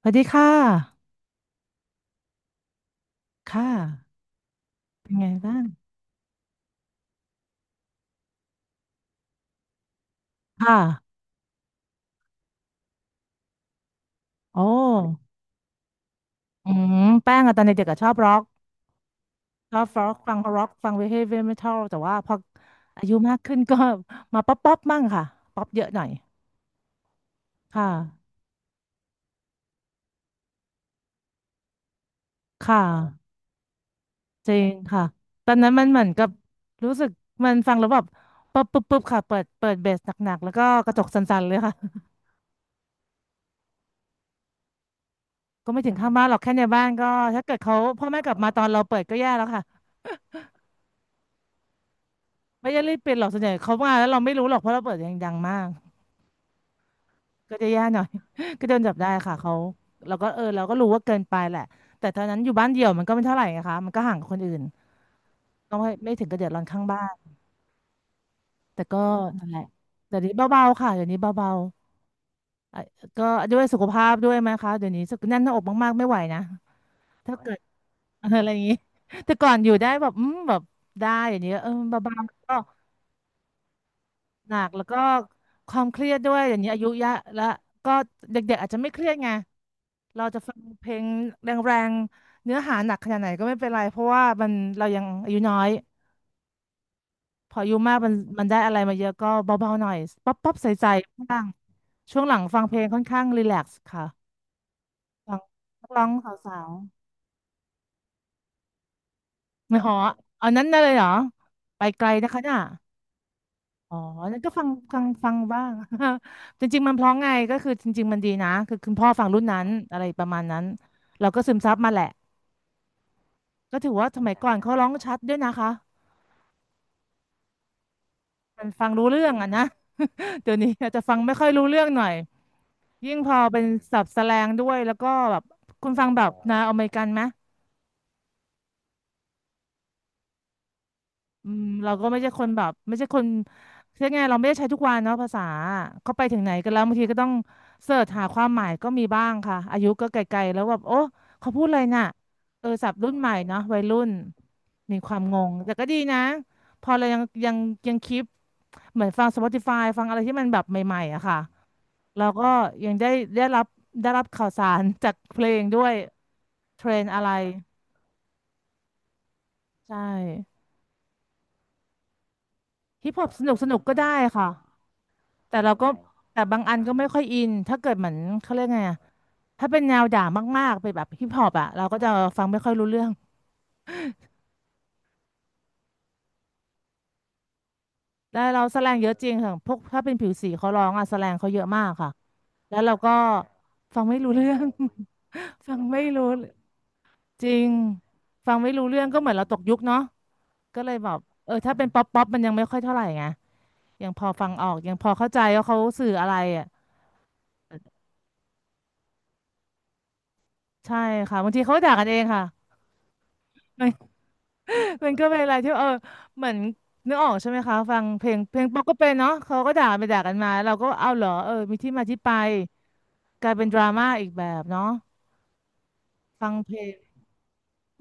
สวัสดีค่ะค่ะ เป็นไงบ้างค่ะโอ้อืมแป้งอะตอนเด็กๆอะชอบร็อกฟังร็อกฟังเฮฟวี่เมทัลแต่ว่าพออายุมากขึ้นก็ มาป๊อปป๊อปมั่งค่ะป๊อปเยอะหน่อย ค่ะค่ะจริงค่ะ ตอนนั้นมันเหมือนกับรู้สึกมันฟังแล้วแบบปึ๊บปึ๊บปึ๊บค่ะเปิดเบสหนักๆแล้วก็กระจกสั่นๆเลยค่ะ ก็ไม่ถึงข้างบ้านหรอกแค่ในบ้านก็ถ้าเกิดเขาพ่อแม่กลับมาตอนเราเปิดก็แย่แล้วค่ะ ไม่ได้เล่นเป็นหรอกส่วนใหญ่เขามาแล้วเราไม่รู้หรอกเพราะเราเปิดยังดังมากก็จะแย่หน่อย ก็โดนจับได้ค่ะเขาเราก็เออเราก็รู้ว่าเกินไปแหละแต่ตอนนั้นอยู่บ้านเดี่ยวมันก็ไม่เท่าไหร่นะคะมันก็ห่างกับคนอื่นก็ไม่ถึงกับเดือดร้อนข้างบ้านแต่ก็นั่นแหละแต่เดี๋ยวนี้เบาๆค่ะเดี๋ยวนี้เบาๆอ่ะก็ด้วยสุขภาพด้วยไหมคะเดี๋ยวนี้สึกแน่นหน้าอกมากๆไม่ไหวนะถ้าเกิด อะไรอย่างนี้แต่ก่อนอยู่ได้แบบแบบได้อย่างนี้เออเบาๆก็ หนักแล้วก็ความเครียดด้วยอย่างนี้อายุเยอะแล้วก็เด็กๆอาจจะไม่เครียดไงเราจะฟังเพลงแรงๆเนื้อหาหนักขนาดไหนก็ไม่เป็นไรเพราะว่ามันเรายังอายุน้อยพออายุมากมันได้อะไรมาเยอะก็เบาๆหน่อยป๊อปป๊อปใสๆบ้างช่วงหลังฟังเพลงค่อนข้างรีแลกซ์ค่ะฟังนักร้องสาวๆไม่หออันนั้นได้เลยเหรอไปไกลนะคะน่ะ อ๋อนั่นก็ฟังฟังบ้าง จริงๆมันเพราะไงก็คือจริงๆมันดีนะคือคุณพ่อฟังรุ่นนั้นอะไรประมาณนั้นเราก็ซึมซับมาแหละก็ถือว่าสมัยก่อนเขาร้องชัดด้วยนะคะมันฟังรู้เรื่องอ่ะนะ เดี๋ยวนี้อาจจะฟังไม่ค่อยรู้เรื่องหน่อยยิ่งพอเป็นศัพท์แสแลงด้วยแล้วก็แบบคุณฟังแบบแนวอเมริกันไหม อืมเราก็ไม่ใช่คนแบบไม่ใช่คนเรียกไงเราไม่ได้ใช้ทุกวันเนาะภาษาเขาไปถึงไหนกันแล้วบางทีก็ต้องเสิร์ชหาความหมายก็มีบ้างค่ะอายุก็ไกลๆแล้วแบบโอ้เขาพูดอะไรน่ะเออศัพท์รุ่นใหม่เนาะวัยรุ่นมีความงงแต่ก็ดีนะพอเรายังคลิปเหมือนฟัง Spotify ฟังอะไรที่มันแบบใหม่ๆอะค่ะเราก็ยังได้ได้รับได้รับข่าวสาร จากเพลงด้วยเทรนอะไรใช่ฮิปฮอปสนุกสนุกก็ได้ค่ะ แต่เราก็ใช่แต่บางอันก็ไม่ค่อยอินถ้าเกิดเหมือนเขาเรียกไงอะถ้าเป็นแนวด่ามากๆเป็นแบบฮิปฮอปอะเราก็จะฟังไม่ค่อยรู้เรื่องแล้วเราแสแลงเยอะจริงค่ะพวกถ้าเป็นผิวสีเขาร้องอะแสแลงเขาเยอะมากค่ะแล้วเราก็ฟังไม่รู้เรื่อง ฟังไม่รู้จริงฟังไม่รู้เรื่องก็เหมือนเราตกยุคเนาะก็เลยแบบเออถ้าเป็นป๊อปป๊อปมันยังไม่ค่อยเท่าไหร่ไงยังพอฟังออกยังพอเข้าใจว่าเขาสื่ออะไรอะใช่ค่ะบางทีเขาด่ากันเองค่ะ มันก็เป็นอะไรที่เออเหมือนนึกออกใช่ไหมคะฟังเพลงเพลงป๊อปก็เป็นเนาะเขาก็ด่าไปด่ากันมาเราก็เอาเหรอเออมีที่มาที่ไปกลายเป็นดราม่าอีกแบบเนาะฟังเพลง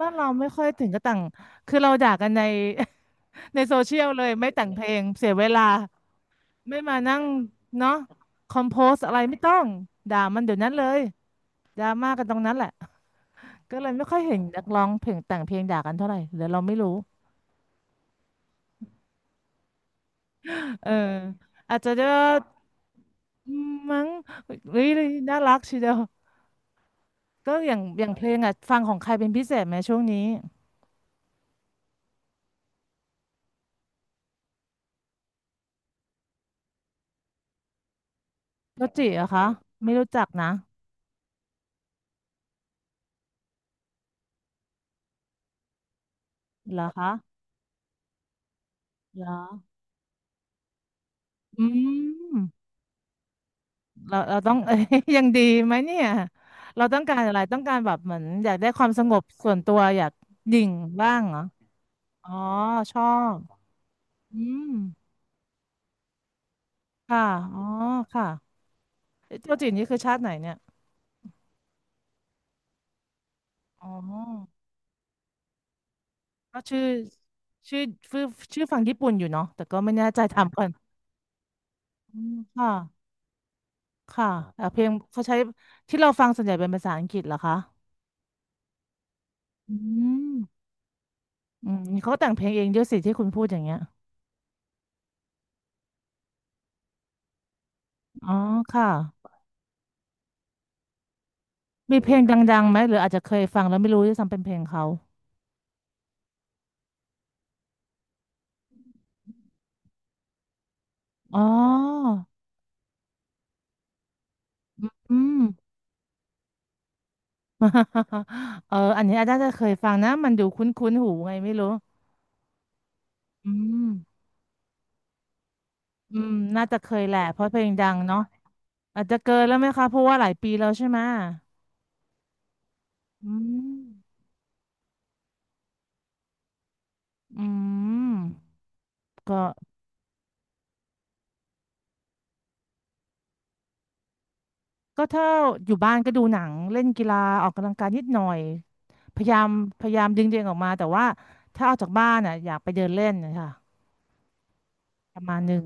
บ้านเราไม่ค่อยถึงกับต่างคือเราด่ากันใน ในโซเชียลเลยไม่แต่งเพลงเสียเวลาไม่มานั่งเนาะคอมโพสอะไรไม่ต้องด่ามันเดี๋ยวนั้นเลยดราม่ากันตรงนั้นแหละก็เลยไม่ค่อยเห็นนักร้องเพลงแต่งเพลงด่ากันเท่าไหร่หรือเราไม่รู้เอออาจจะด้วย อืมมั้งเฮ้ยน่ารักทีเดียวก็อย่างเพลงอ่ะฟังของใครเป็นพิเศษไหมช่วงนี้โรจิเหรอคะไม่รู้จักนะเหรอคะเหรออืมเราต้อง เอ้ยยังดีไหมเนี่ยเราต้องการอะไรต้องการแบบเหมือนอยากได้ความสงบส่วนตัวอยากดิ่งบ้างเหรออ๋อชอบอืมค่ะอ๋อค่ะเอ้ยโรจินี่คือชาติไหนเนี่ยอ๋อก็ชื่อชื่อชื่อฝั่งญี่ปุ่นอยู่เนาะแต่ก็ไม่แน่ใจถามก่อน อืมค่ะค่ะเพลงเขาใช้ที่เราฟังส่วนใหญ่เป็นภาษาอังกฤษเหรอคะอืมอืมเขาแต่งเพลงเองด้วยสิที่คุณพูดอย่างเงี้ยอ๋อค่ะมีเพลงดังๆไหมหรืออาจจะเคยฟังแล้วไม่รู้ด้วยซ้ำเป็นเพลงเขาอ๋ออืม เอออันนี้อาจจะเคยฟังนะมันดูคุ้นๆหูไงไม่รู้อืมอืมน่าจะเคยแหละเพราะเพลงดังเนาะอาจจะเกินแล้วไหมคะเพราะว่าหลายปีแล้วใช่ไหมอืมอืมก็ ก็ถ้าอยู่บ้านก็ดูหนังเล่นกีฬาออกกำลังกายนิดหน่อยพยายามพยายามดึงตัวเองออกมาแต่ว่าถ้าออกจากบ้านอ่ะอยากไปเดินเล่นนะคะประมาณหนึ่ง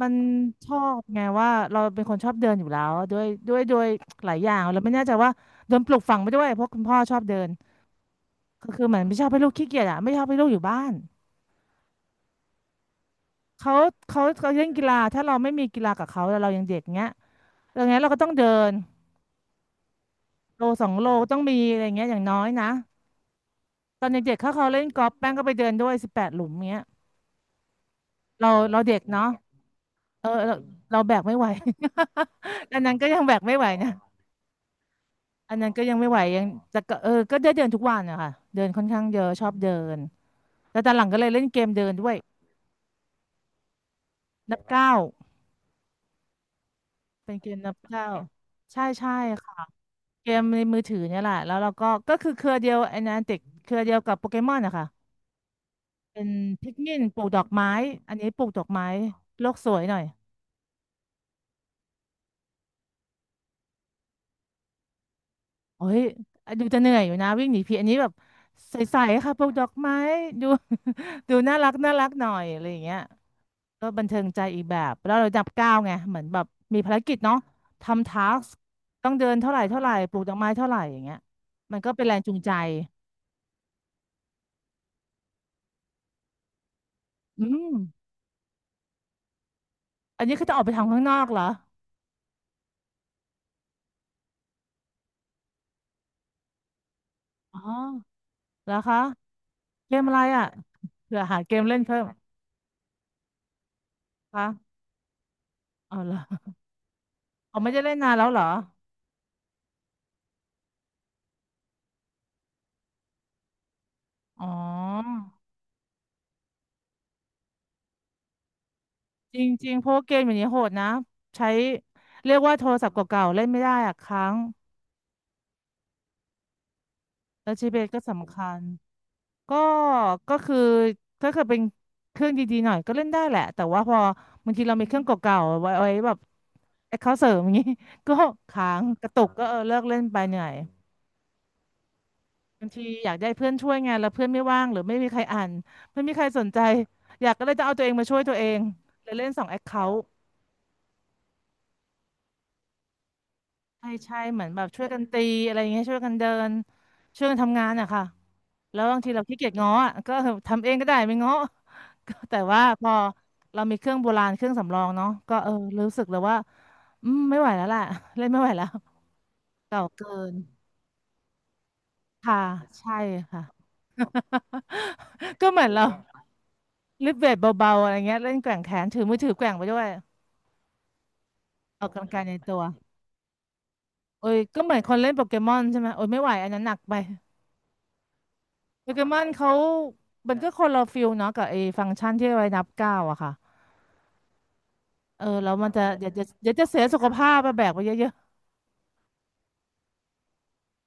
มันชอบไงว่าเราเป็นคนชอบเดินอยู่แล้วด้วยหลายอย่างเราไม่แน่ใจว่าโดนปลูกฝังไปด้วยเพราะคุณพ่อชอบเดินก็คือเหมือนไม่ชอบให้ลูกขี้เกียจอ่ะไม่ชอบให้ลูกอยู่บ้านเขาเขาเล่นกีฬาถ้าเราไม่มีกีฬากับเขาแล้วเรายังเด็กเงี้ยอย่างเงี้ยเราก็ต้องเดินโลสองโลต้องมีอะไรเงี้ยอย่างน้อยนะ ตอนเด็กๆเขาเล่นกอล์ฟแป้งก็ไปเดินด้วย18 หลุมเงี้ยเราเด็กเนาะเออเราแบกไม่ไหว อันนั้นก็ยังแบกไม่ไหวนะอันนั้นก็ยังไม่ไหวยังแต่ก็เออก็ได้เดินทุกวันนะคะเดินค่อนข้างเยอะชอบเดินแต่ตอนหลังก็เลยเล่นเกมเดินด้วยนับเก้าวเป็นเกมนับเก้าวใช่ใช่ค่ะเกมในมือถือเนี่ยแหละแล้วเราก็ก็คือเครือเดียวไอ้นันติกเครือเดียวกับโปเกมอนนะคะเป็นพิกมินปลูกดอกไม้อันนี้ปลูกดอกไม้โลกสวยหน่อย โอ้ยดูจะเหนื่อยอยู่นะวิ่งหนีผีอันนี้แบบใสๆค่ะพวกดอกไม้ดู ดูน่ารักน่ารักหน่อยอะไรอย่างเงี้ยก็บันเทิงใจอีกแบบแล้วเราจับก้าวไงเหมือนแบบมีภารกิจเนาะทำทาสต้องเดินเท่าไหร่เท่าไหร่ปลูกดอกไม้เท่าไหร่อย่างเงี้ยมันก็เป็นแรงจูงใจอืมอันนี้คือจะออกไปทำข้างนอกเหรออ๋อแล้วคะเกมอะไรอ่ะเผื่อหาเกมเล่นเพิ่มคะเอาเหรอเอาไม่ได้เล่นนานแล้วเหรออ๋อ จริงๆเพราะว่าเกมอย่างนี้โหดนะใช้เรียกว่าโทรศัพท์เก่าๆเล่นไม่ได้อะค้างแล้วจีเบสก็สำคัญก็ก็คือถ้าเกิดเป็นเครื่องดีๆหน่อยก็เล่นได้แหละแต่ว่าพอบางทีเรามีเครื่องเก่าๆไว้แบบแอคเคาเสริมอย่างนี้ ก็ค้างกระตุกก็เออเลิกเล่นไปเหนื่อยบางทีอยากได้เพื่อนช่วยงานแล้วเพื่อนไม่ว่างหรือไม่มีใครอ่านไม่มีใครสนใจอยากก็เลยจะเอาตัวเองมาช่วยตัวเองเลยเล่น2 แอคเคาท์ ใช่ใช่เหมือนแบบช่วยกันตีอะไรอย่างเงี้ยช่วยกันเดินช่วยกันทำงานอะค่ะแล้วบางทีเราขี้เกียจง้ออะก็ทำเองก็ได้ไม่ง้อ ก็แต่ว่าพอเรามีเครื่องโบราณเครื่องสำรองเนาะก็เออรู้สึกเลยว่าอืมไม่ไหวแล้วแหละ เล่นไม่ไหวแล้วเก่าเกินค่ะใช่ค่ะ ก็เหมือนเราวาลิฟเวทเบาๆอะไรเงี้ยเล่นแกว่งแขนถือมือถือแกว่งไปด้วยออกกำลังกายในตัวโอ้ยก็เหมือนคนเล่นโปเกมอนใช่ไหมโอ้ยไม่ไหวอันนั้นหนักไป โปเกมอนเขามันก็คนละฟิลเนาะกับไอ้ฟังก์ชันที่ไว้นับก้าวอะค่ะเออแล้วมันจะเดี๋ยวจะเดี๋ยวจะเสียสุขภาพไปแบกไปเยอะ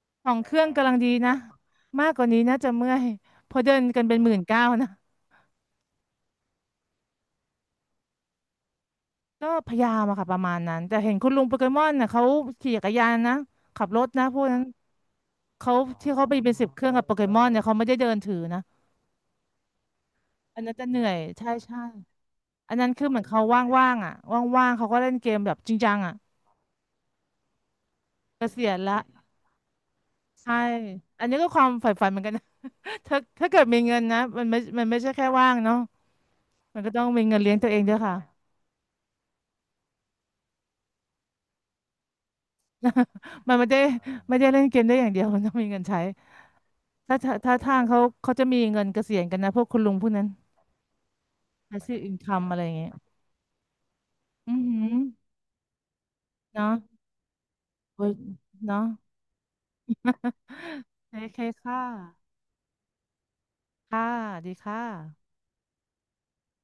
ๆของเครื่องกำลังดีนะมากกว่านี้น่าจะเมื่อยเพอเดินกันเป็น19,000นะก็พยายามอะค่ะประมาณนั้นแต่เห็นคุณลุงโปเกมอนน่ะเขาขี่จักรยานนะขับรถนะพวกนั้นเขาที่เขาไปเป็น10 เครื่องกับโปเกมอนเนี่ยเขาไม่ได้เดินถือนะอันนั้นจะเหนื่อยใช่ใช่อันนั้นคือเหมือนเขาว่างๆอ่ะว่างๆเขาก็เล่นเกมแบบจริงจังอ่ะเกษียณละ ใช่ อันนี้ก็ความใฝ่ฝันเหมือนกันนะ ถ้าเกิดมีเงินนะมันไม่มันไม่ใช่แค่ว่างเนาะมันก็ต้องมีเงินเลี้ยงตัวเองด้วยค่ะ มันไม่ได้ไม่ได้เล่นเกมได้อย่างเดียวมันต้องมีเงินใช้ถ้าถ้าทางเขาเขาจะมีเงินเกษียณกันนะพวกคุณลุงพวกนั้น passive income อะไรอย่างเงี้ยอือหือเนาะโอ้ยเนาะโอเคค่ะค่ะ ดีค่ะ